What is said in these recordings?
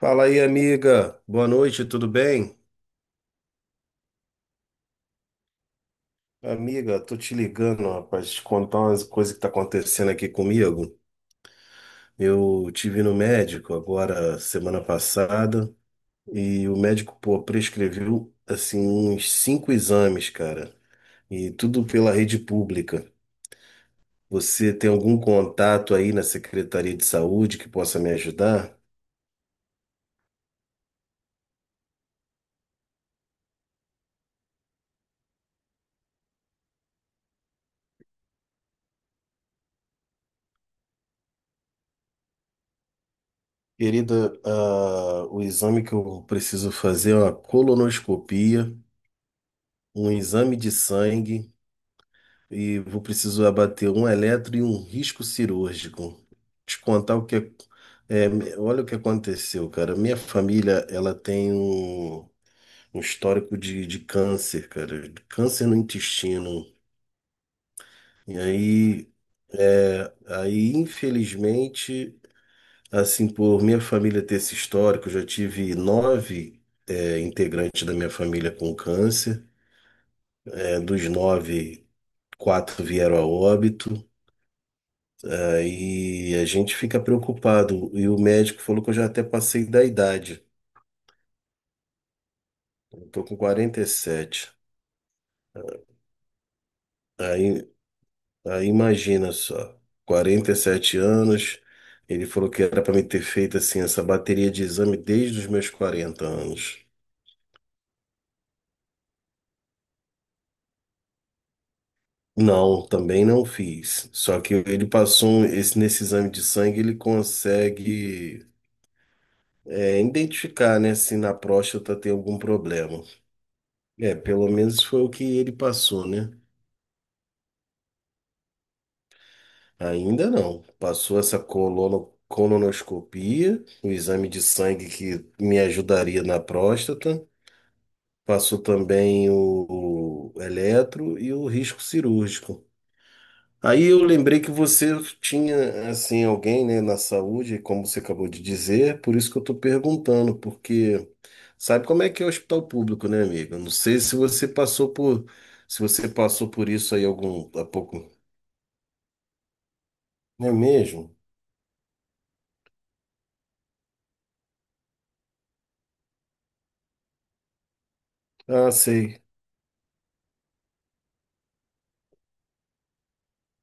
Fala aí, amiga. Boa noite, tudo bem? Amiga, tô te ligando, rapaz, te contar umas coisas que tá acontecendo aqui comigo. Eu tive no médico agora semana passada e o médico, pô, prescreveu assim uns cinco exames, cara, e tudo pela rede pública. Você tem algum contato aí na Secretaria de Saúde que possa me ajudar? Querida, ah, o exame que eu preciso fazer é uma colonoscopia, um exame de sangue. E vou precisar abater um eletro e um risco cirúrgico. Te contar o que é, olha o que aconteceu, cara. Minha família, ela tem um histórico de câncer, cara, de câncer no intestino. E aí, infelizmente, assim, por minha família ter esse histórico, eu já tive nove, integrantes da minha família com câncer. É, dos nove, quatro vieram a óbito. Aí a gente fica preocupado. E o médico falou que eu já até passei da idade. Eu tô com 47. Aí, aí, imagina só, 47 anos. Ele falou que era para me ter feito assim essa bateria de exame desde os meus 40 anos. Não, também não fiz. Só que ele passou esse nesse exame de sangue, ele consegue, identificar, né, se na próstata tem algum problema. É, pelo menos foi o que ele passou, né? Ainda não. Passou essa colonoscopia, o exame de sangue que me ajudaria na próstata. Passou também o eletro e o risco cirúrgico. Aí eu lembrei que você tinha, assim, alguém, né, na saúde, como você acabou de dizer, por isso que eu estou perguntando, porque sabe como é que é o hospital público, né, amigo? Eu não sei se você passou por isso aí algum, há pouco, não é mesmo? Ah, sei.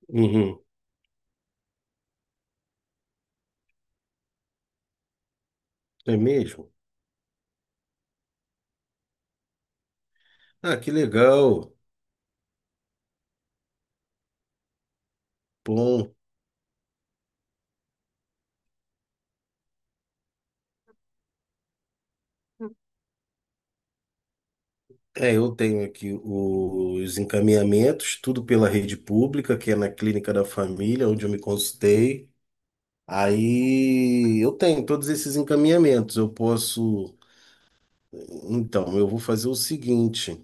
Uhum. É mesmo? Ah, que legal. Bom, eu tenho aqui os encaminhamentos, tudo pela rede pública, que é na clínica da família, onde eu me consultei. Aí eu tenho todos esses encaminhamentos. Eu posso. Então, eu vou fazer o seguinte: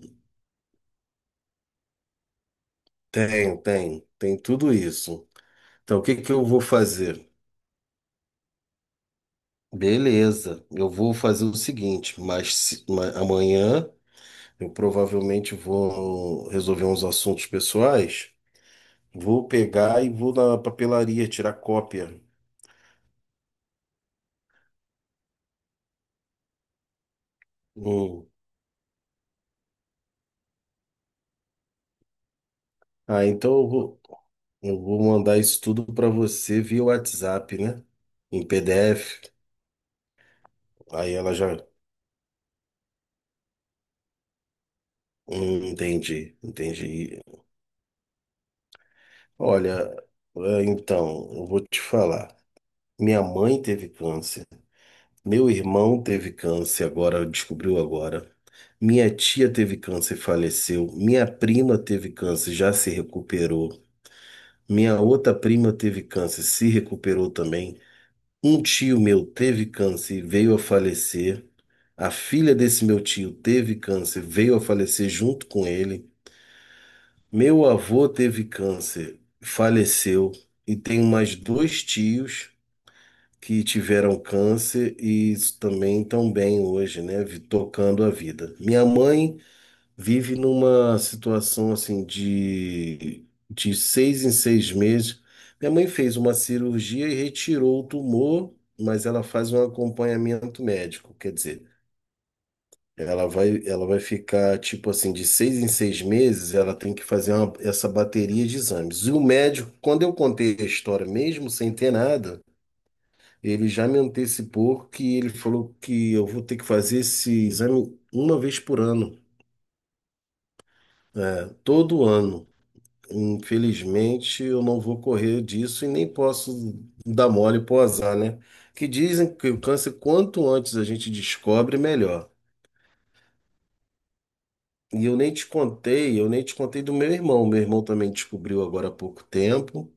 tenho, tem tudo isso. Então, o que que eu vou fazer? Beleza, eu vou fazer o seguinte, mas amanhã eu provavelmente vou resolver uns assuntos pessoais. Vou pegar e vou na papelaria tirar cópia. Hum. Ah, então eu vou mandar isso tudo para você via WhatsApp, né? Em PDF. Aí ela já. Entendi, entendi. Olha, então, eu vou te falar. Minha mãe teve câncer. Meu irmão teve câncer agora, descobriu agora. Minha tia teve câncer e faleceu. Minha prima teve câncer, já se recuperou. Minha outra prima teve câncer, se recuperou também. Um tio meu teve câncer e veio a falecer. A filha desse meu tio teve câncer, veio a falecer junto com ele. Meu avô teve câncer, faleceu. E tenho mais dois tios que tiveram câncer e também estão bem hoje, né? Tocando a vida. Minha mãe vive numa situação assim de seis em seis meses. Minha mãe fez uma cirurgia e retirou o tumor, mas ela faz um acompanhamento médico, quer dizer, ela vai ficar tipo assim, de seis em seis meses, ela tem que fazer essa bateria de exames. E o médico, quando eu contei a história, mesmo sem ter nada, ele já me antecipou que ele falou que eu vou ter que fazer esse exame uma vez por ano, todo ano. Infelizmente, eu não vou correr disso e nem posso dar mole pro azar, né? Que dizem que o câncer, quanto antes a gente descobre, melhor. E eu nem te contei, eu nem te contei do meu irmão. Meu irmão também descobriu agora há pouco tempo.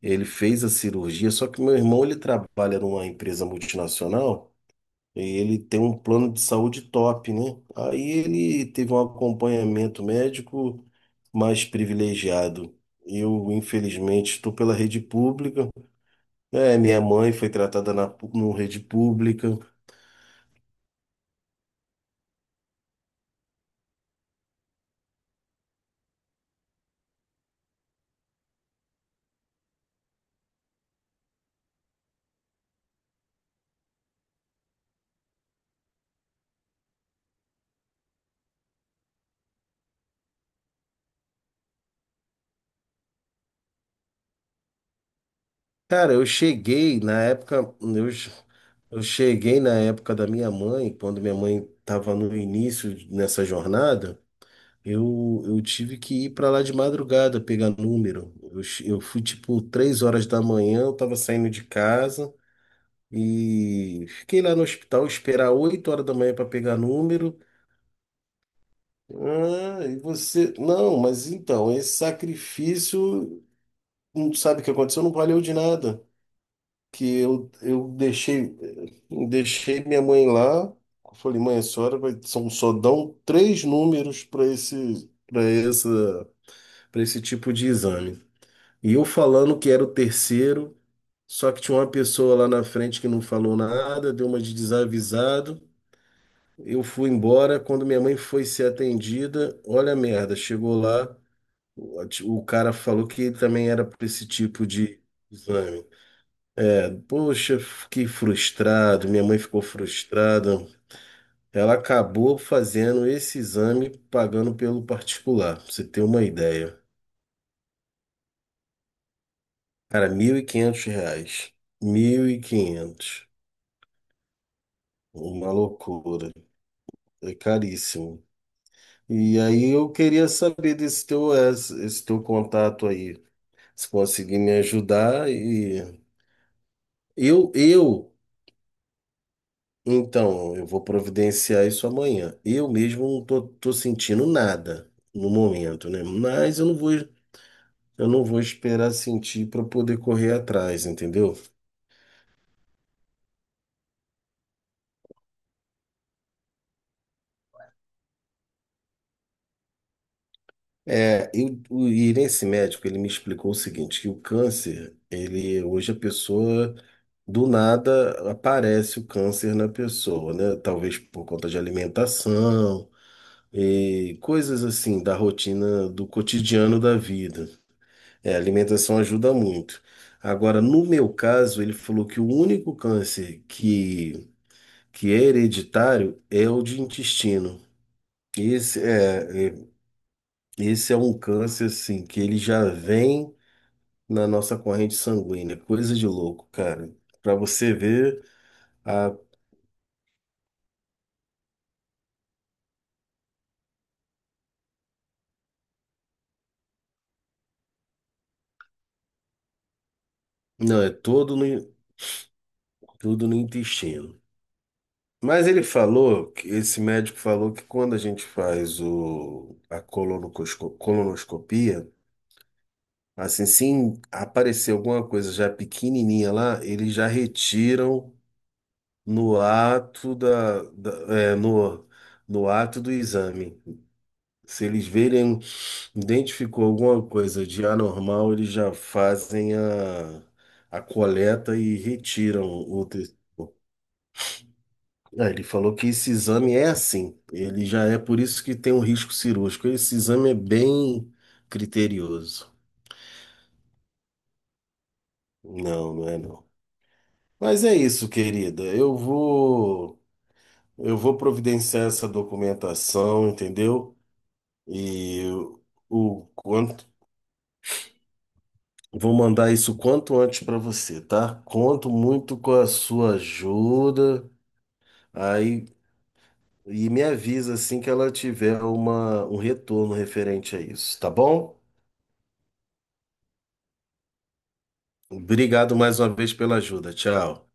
Ele fez a cirurgia, só que meu irmão, ele trabalha numa empresa multinacional. Ele tem um plano de saúde top, né? Aí ele teve um acompanhamento médico mais privilegiado. Eu, infelizmente, estou pela rede pública. É, minha mãe foi tratada na no rede pública. Cara, eu cheguei na época da minha mãe, quando minha mãe estava no início nessa jornada. Eu tive que ir para lá de madrugada pegar número. Eu fui tipo 3 horas da manhã, eu tava saindo de casa e fiquei lá no hospital esperar 8 horas da manhã para pegar número. Ah, e você. Não, mas então, esse sacrifício, não sabe o que aconteceu? Não valeu de nada. Que eu deixei minha mãe lá. Falei, mãe, a senhora vai, são, só dão três números para esse, para esse tipo de exame. E eu falando que era o terceiro, só que tinha uma pessoa lá na frente que não falou nada, deu uma de desavisado. Eu fui embora. Quando minha mãe foi ser atendida, olha a merda, chegou lá, o o cara falou que também era para esse tipo de exame. É, poxa, fiquei frustrado, minha mãe ficou frustrada. Ela acabou fazendo esse exame pagando pelo particular, pra você ter uma ideia. Cara, R$ 1.500. 1.500. Uma loucura, é caríssimo. E aí eu queria saber desse teu, esse teu contato aí, se conseguir me ajudar e eu, eu, então, eu vou providenciar isso amanhã. Eu mesmo não tô sentindo nada no momento, né? Mas eu não vou esperar sentir para poder correr atrás, entendeu? É, e nesse médico, ele me explicou o seguinte, que o câncer, ele, hoje a pessoa, do nada, aparece o câncer na pessoa, né? Talvez por conta de alimentação e coisas assim da rotina, do cotidiano da vida. É, a alimentação ajuda muito. Agora, no meu caso, ele falou que o único câncer que é hereditário é o de intestino. Esse é, é- esse é um câncer assim que ele já vem na nossa corrente sanguínea. Coisa de louco, cara. Pra você ver, a... não, é todo no, tudo no intestino. Mas ele falou, esse médico falou que quando a gente faz a colonoscopia, assim, se aparecer alguma coisa já pequenininha lá, eles já retiram no ato é, no, no ato do exame. Se eles verem Identificou alguma coisa de anormal, eles já fazem a coleta e retiram. Ah, ele falou que esse exame é assim, ele já é por isso que tem um risco cirúrgico. Esse exame é bem criterioso. Não, não é não. Mas é isso, querida. Eu vou providenciar essa documentação, entendeu? E o quanto Vou mandar isso quanto antes para você, tá? Conto muito com a sua ajuda. Aí e me avisa assim que ela tiver um retorno referente a isso, tá bom? Obrigado mais uma vez pela ajuda. Tchau.